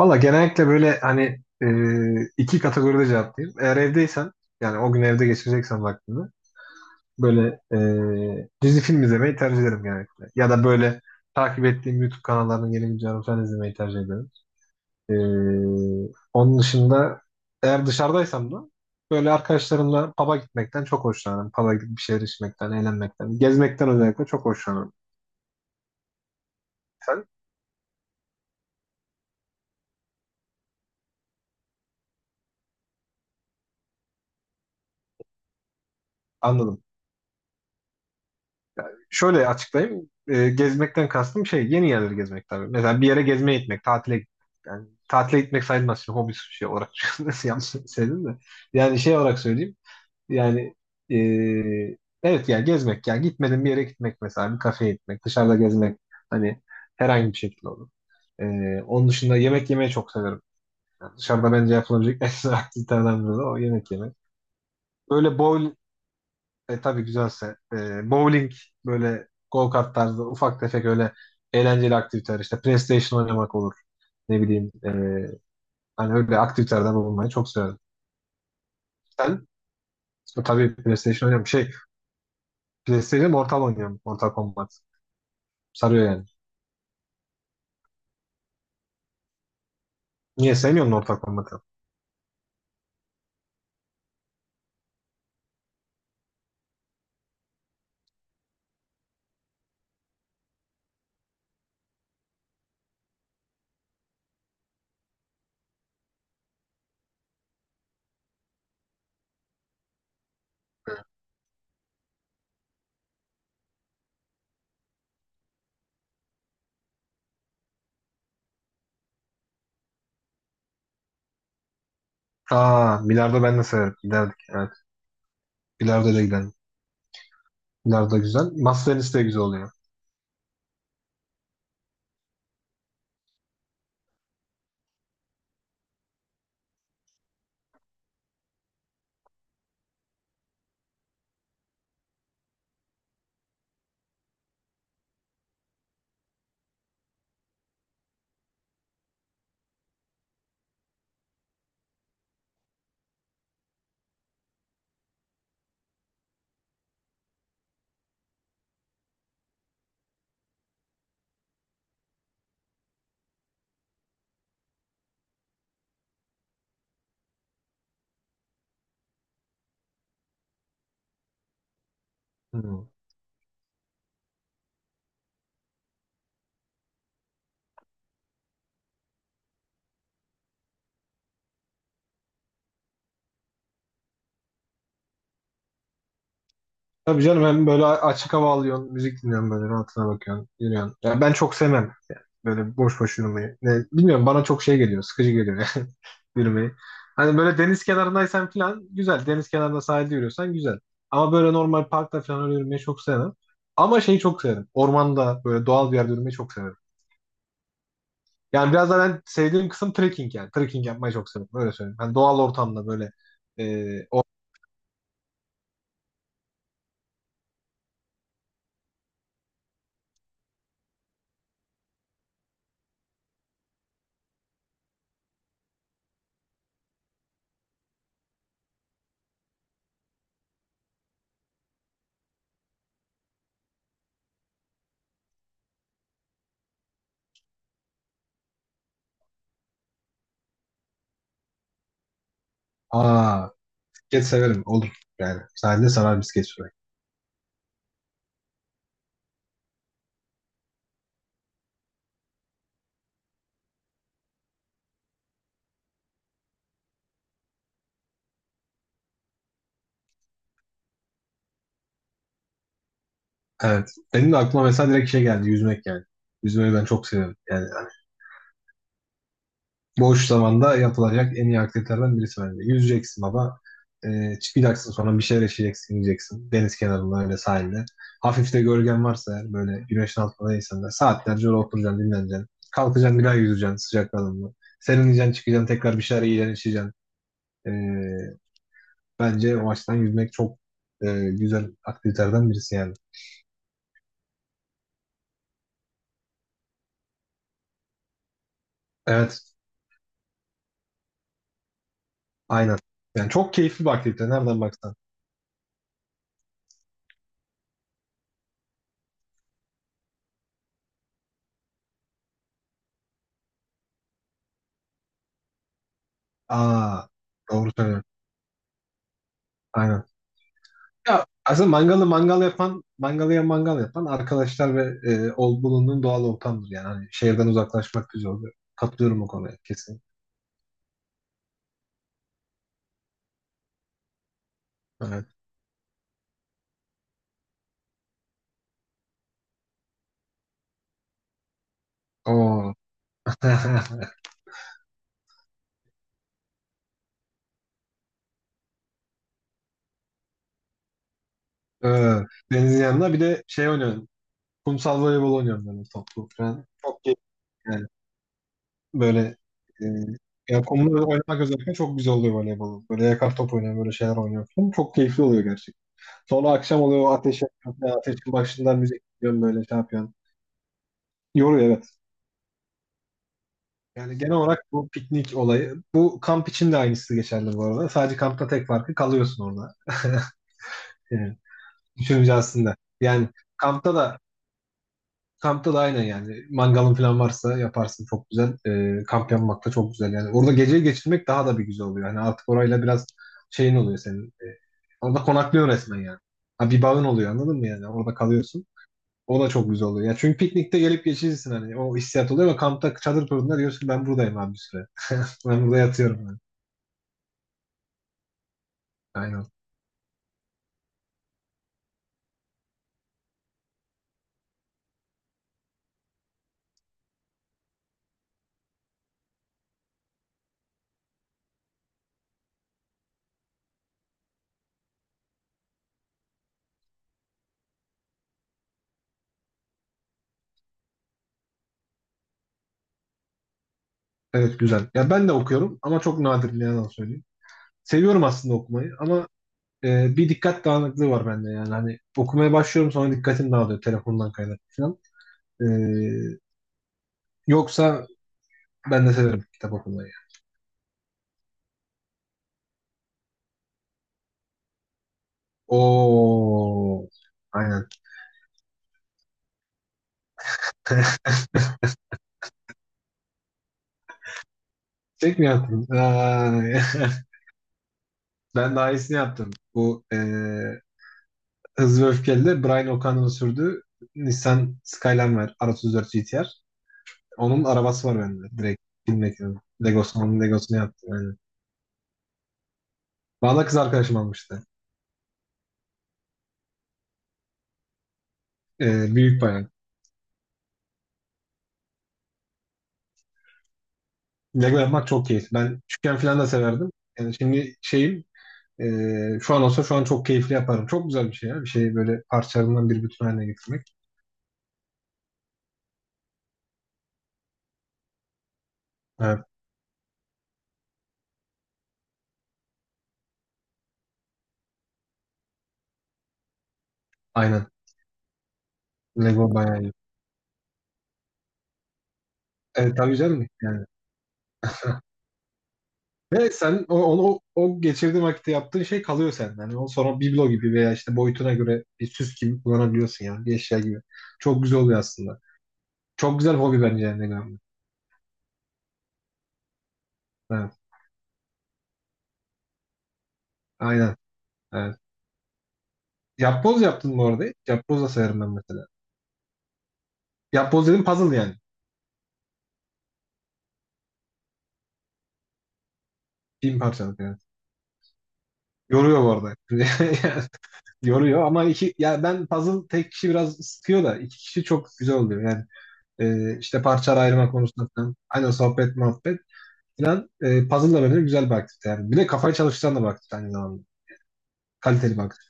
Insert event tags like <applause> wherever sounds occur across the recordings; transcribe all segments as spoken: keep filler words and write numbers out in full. Valla genellikle böyle hani e, iki kategoride cevaplayayım. Eğer evdeysen yani o gün evde geçireceksen vaktini böyle e, dizi film izlemeyi tercih ederim genellikle. Ya da böyle takip ettiğim YouTube kanallarının yeni videolarını falan izlemeyi tercih ederim. E, Onun dışında eğer dışarıdaysam da böyle arkadaşlarımla pub'a gitmekten çok hoşlanırım. Pub'a gidip bir şeyler içmekten, eğlenmekten, gezmekten özellikle çok hoşlanırım. Sen? Anladım. Şöyle açıklayayım. Ee, gezmekten kastım şey yeni yerleri gezmek tabii. Mesela bir yere gezmeye gitmek, tatile yani tatile gitmek sayılmaz şimdi hobi şey olarak <laughs> nasıl yanlış söyledim de. Yani şey olarak söyleyeyim. Yani ee, evet ya gezmek ya gitmedim bir yere gitmek mesela bir kafeye gitmek, dışarıda gezmek hani herhangi bir şekilde olur. Ee, onun dışında yemek yemeyi çok severim. Yani dışarıda bence yapılabilecek <laughs> en güzel aktivitelerden biri de o yemek yemek. Böyle bol e tabii güzelse. E, bowling böyle go-kart tarzı ufak tefek öyle eğlenceli aktiviteler işte PlayStation oynamak olur. Ne bileyim e, hani öyle aktivitelerde bulunmayı çok severim. Sen. E, tabii PlayStation oynuyorum. Şey PlayStation Mortal oynuyorum. Mortal Kombat. Sarıyor yani. Niye sevmiyorsun Mortal Kombat'ı? Aa, bilardo ben de severim. Giderdik. Evet. Bilardo da gidelim. Bilardo güzel. Masa tenisi de güzel oluyor. Hmm. Tabii canım, hem böyle açık hava alıyorsun, müzik dinliyorsun, böyle rahatına bakıyorsun, yürüyorsun. Ya ben çok sevmem yani böyle boş boş yürümeyi. Ne, bilmiyorum, bana çok şey geliyor, sıkıcı geliyor <laughs> yani yürümeyi. Hani böyle deniz kenarındaysan falan güzel, deniz kenarında sahilde yürüyorsan güzel. Ama böyle normal parkta falan öyle yürümeyi çok sevmem. Ama şeyi çok severim, ormanda böyle doğal bir yerde yürümeyi çok severim. Yani biraz da ben sevdiğim kısım trekking yani. Trekking yapmayı çok severim, öyle söyleyeyim. Hani doğal ortamda böyle... E, o... Aa, bisiklet severim, olur yani. Sahilde sarar bisiklet sürmek. Evet. Benim de aklıma mesela direkt şey geldi. Yüzmek yani. Yüzmeyi ben çok seviyorum. Yani hani boş zamanda yapılacak en iyi aktivitelerden birisi bence. Yüzeceksin baba. Ee, çıkacaksın sonra bir şeyler yaşayacaksın, yiyeceksin. Deniz kenarında öyle sahilde. Hafif de gölgen varsa eğer böyle güneşin altındaysan da saatlerce öyle oturacaksın, dinleneceksin. Kalkacaksın bir daha yüzeceksin sıcaklarında. Serinleyeceksin, çıkacaksın tekrar bir şeyler yiyeceksin, içeceksin. Ee, Bence o açıdan yüzmek çok e, güzel aktivitelerden birisi yani. Evet. Aynen. Yani çok keyifli bir aktivite. Nereden baksan. Aa, doğru söylüyorsun. Aynen. Ya, aslında mangalı mangal yapan, mangalıya mangal yapan arkadaşlar ve e, ol- bulunduğun doğal ortamdır yani. Hani şehirden uzaklaşmak güzel oluyor. Katılıyorum o konuya kesin. Evet. Oo. <laughs> Evet. Denizin yanında bir de şey oynuyorum. Kumsal voleybol oynuyorum böyle toplu falan. Çok keyifli yani. Böyle e, ya kumla oynamak özellikle çok güzel oluyor voleybol. Böyle yakar top oynuyorum, böyle şeyler oynuyorum falan. Çok keyifli oluyor gerçekten. Sonra akşam oluyor, ateş yakıyorsun. Yani ateşin başından müzik dinliyorsun, böyle şey yapıyorsun. Yoruyor evet. Yani genel olarak bu piknik olayı. Bu kamp için de aynısı geçerli bu arada. Sadece kampta tek farkı kalıyorsun orada. <laughs> Yani düşününce aslında. Yani kampta da kampta da aynen yani. Mangalın falan varsa yaparsın çok güzel. Ee, kamp yapmak da çok güzel. Yani orada geceyi geçirmek daha da bir güzel oluyor. Yani artık orayla biraz şeyin oluyor senin. Ee, orada konaklıyorsun resmen yani. Ha, bir bağın oluyor, anladın mı yani? Orada kalıyorsun. O da çok güzel oluyor. Ya çünkü piknikte gelip geçirirsin hani. O hissiyat oluyor ama kampta çadır kurduğunda diyorsun ki ben buradayım abi bir süre. <laughs> Ben burada yatıyorum. Yani. Aynen. Evet, güzel. Ya ben de okuyorum ama çok nadir, ne yalan söyleyeyim. Seviyorum aslında okumayı ama e, bir dikkat dağınıklığı var bende yani. Hani okumaya başlıyorum sonra dikkatim dağılıyor, telefondan kaynaklı falan. E, Yoksa ben de severim kitap okumayı. Yani. Oo. Aynen. <laughs> Tek mi yaptın? Ay. <laughs> Ben daha iyisini yaptım. Bu e, Hızlı ve Öfkeli'de Brian O'Connor'ın sürdüğü Nissan Skyline var. R otuz dört G T R. Onun arabası var bende. Direkt bilmek yani. Legosunu, onun Legosunu yaptım. Yani. Bana kız arkadaşım almıştı. Ee, büyük bayan. Lego yapmak çok keyifli. Ben küçükken falan da severdim. Yani şimdi şeyim ee, şu an olsa şu an çok keyifli yaparım. Çok güzel bir şey ya. Bir şeyi böyle parçalarından bir bütün haline getirmek. Evet, aynen. Lego bayağı iyi. Evet, tabii canım. Yani. Ve sen o, onu, o geçirdiğin vakitte yaptığın şey kalıyor senden. Yani o sonra biblo gibi veya işte boyutuna göre bir süs gibi kullanabiliyorsun yani. Bir eşya gibi. Çok güzel oluyor aslında. Çok güzel hobi bence yani. Lego'nun. Evet. Aynen. Evet. Yapboz yaptın bu arada. Yapboz da sayarım ben mesela. Yapboz dedim, puzzle yani. Bin parçalık yani. Yoruyor bu arada. <laughs> Yani yoruyor ama iki, ya ben puzzle tek kişi biraz sıkıyor da iki kişi çok güzel oluyor yani. Ee, işte parçalar ayırma konusunda falan. Aynen sohbet muhabbet. İnan e, puzzle'la beraber güzel bir aktivite yani. Bir de kafayı çalıştıran da bir aktivite aynı zamanda. Kaliteli bir aktivite.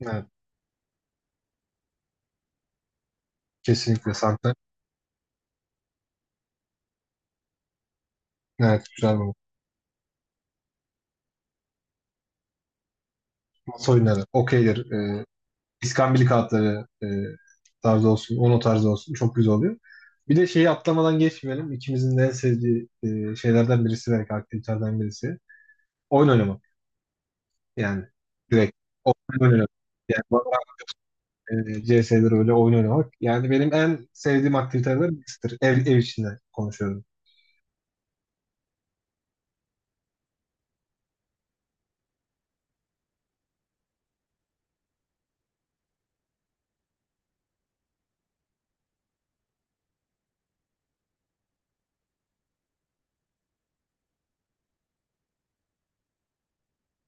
Evet, kesinlikle santa. Evet, güzel bu. Masa oyunları, okeydir, e, iskambil kağıtları e, tarzı olsun, ono tarzı olsun çok güzel oluyor. Bir de şeyi atlamadan geçmeyelim. İkimizin de en sevdiği e, şeylerden birisi, belki aktivitelerden birisi. Oyun oynamak yani direkt. Oyun oynamak. Yani bana, e, C S'de öyle oyun oynamak. Yani benim en sevdiğim aktivitelerden birisidir. Ev, ev içinde konuşuyorum.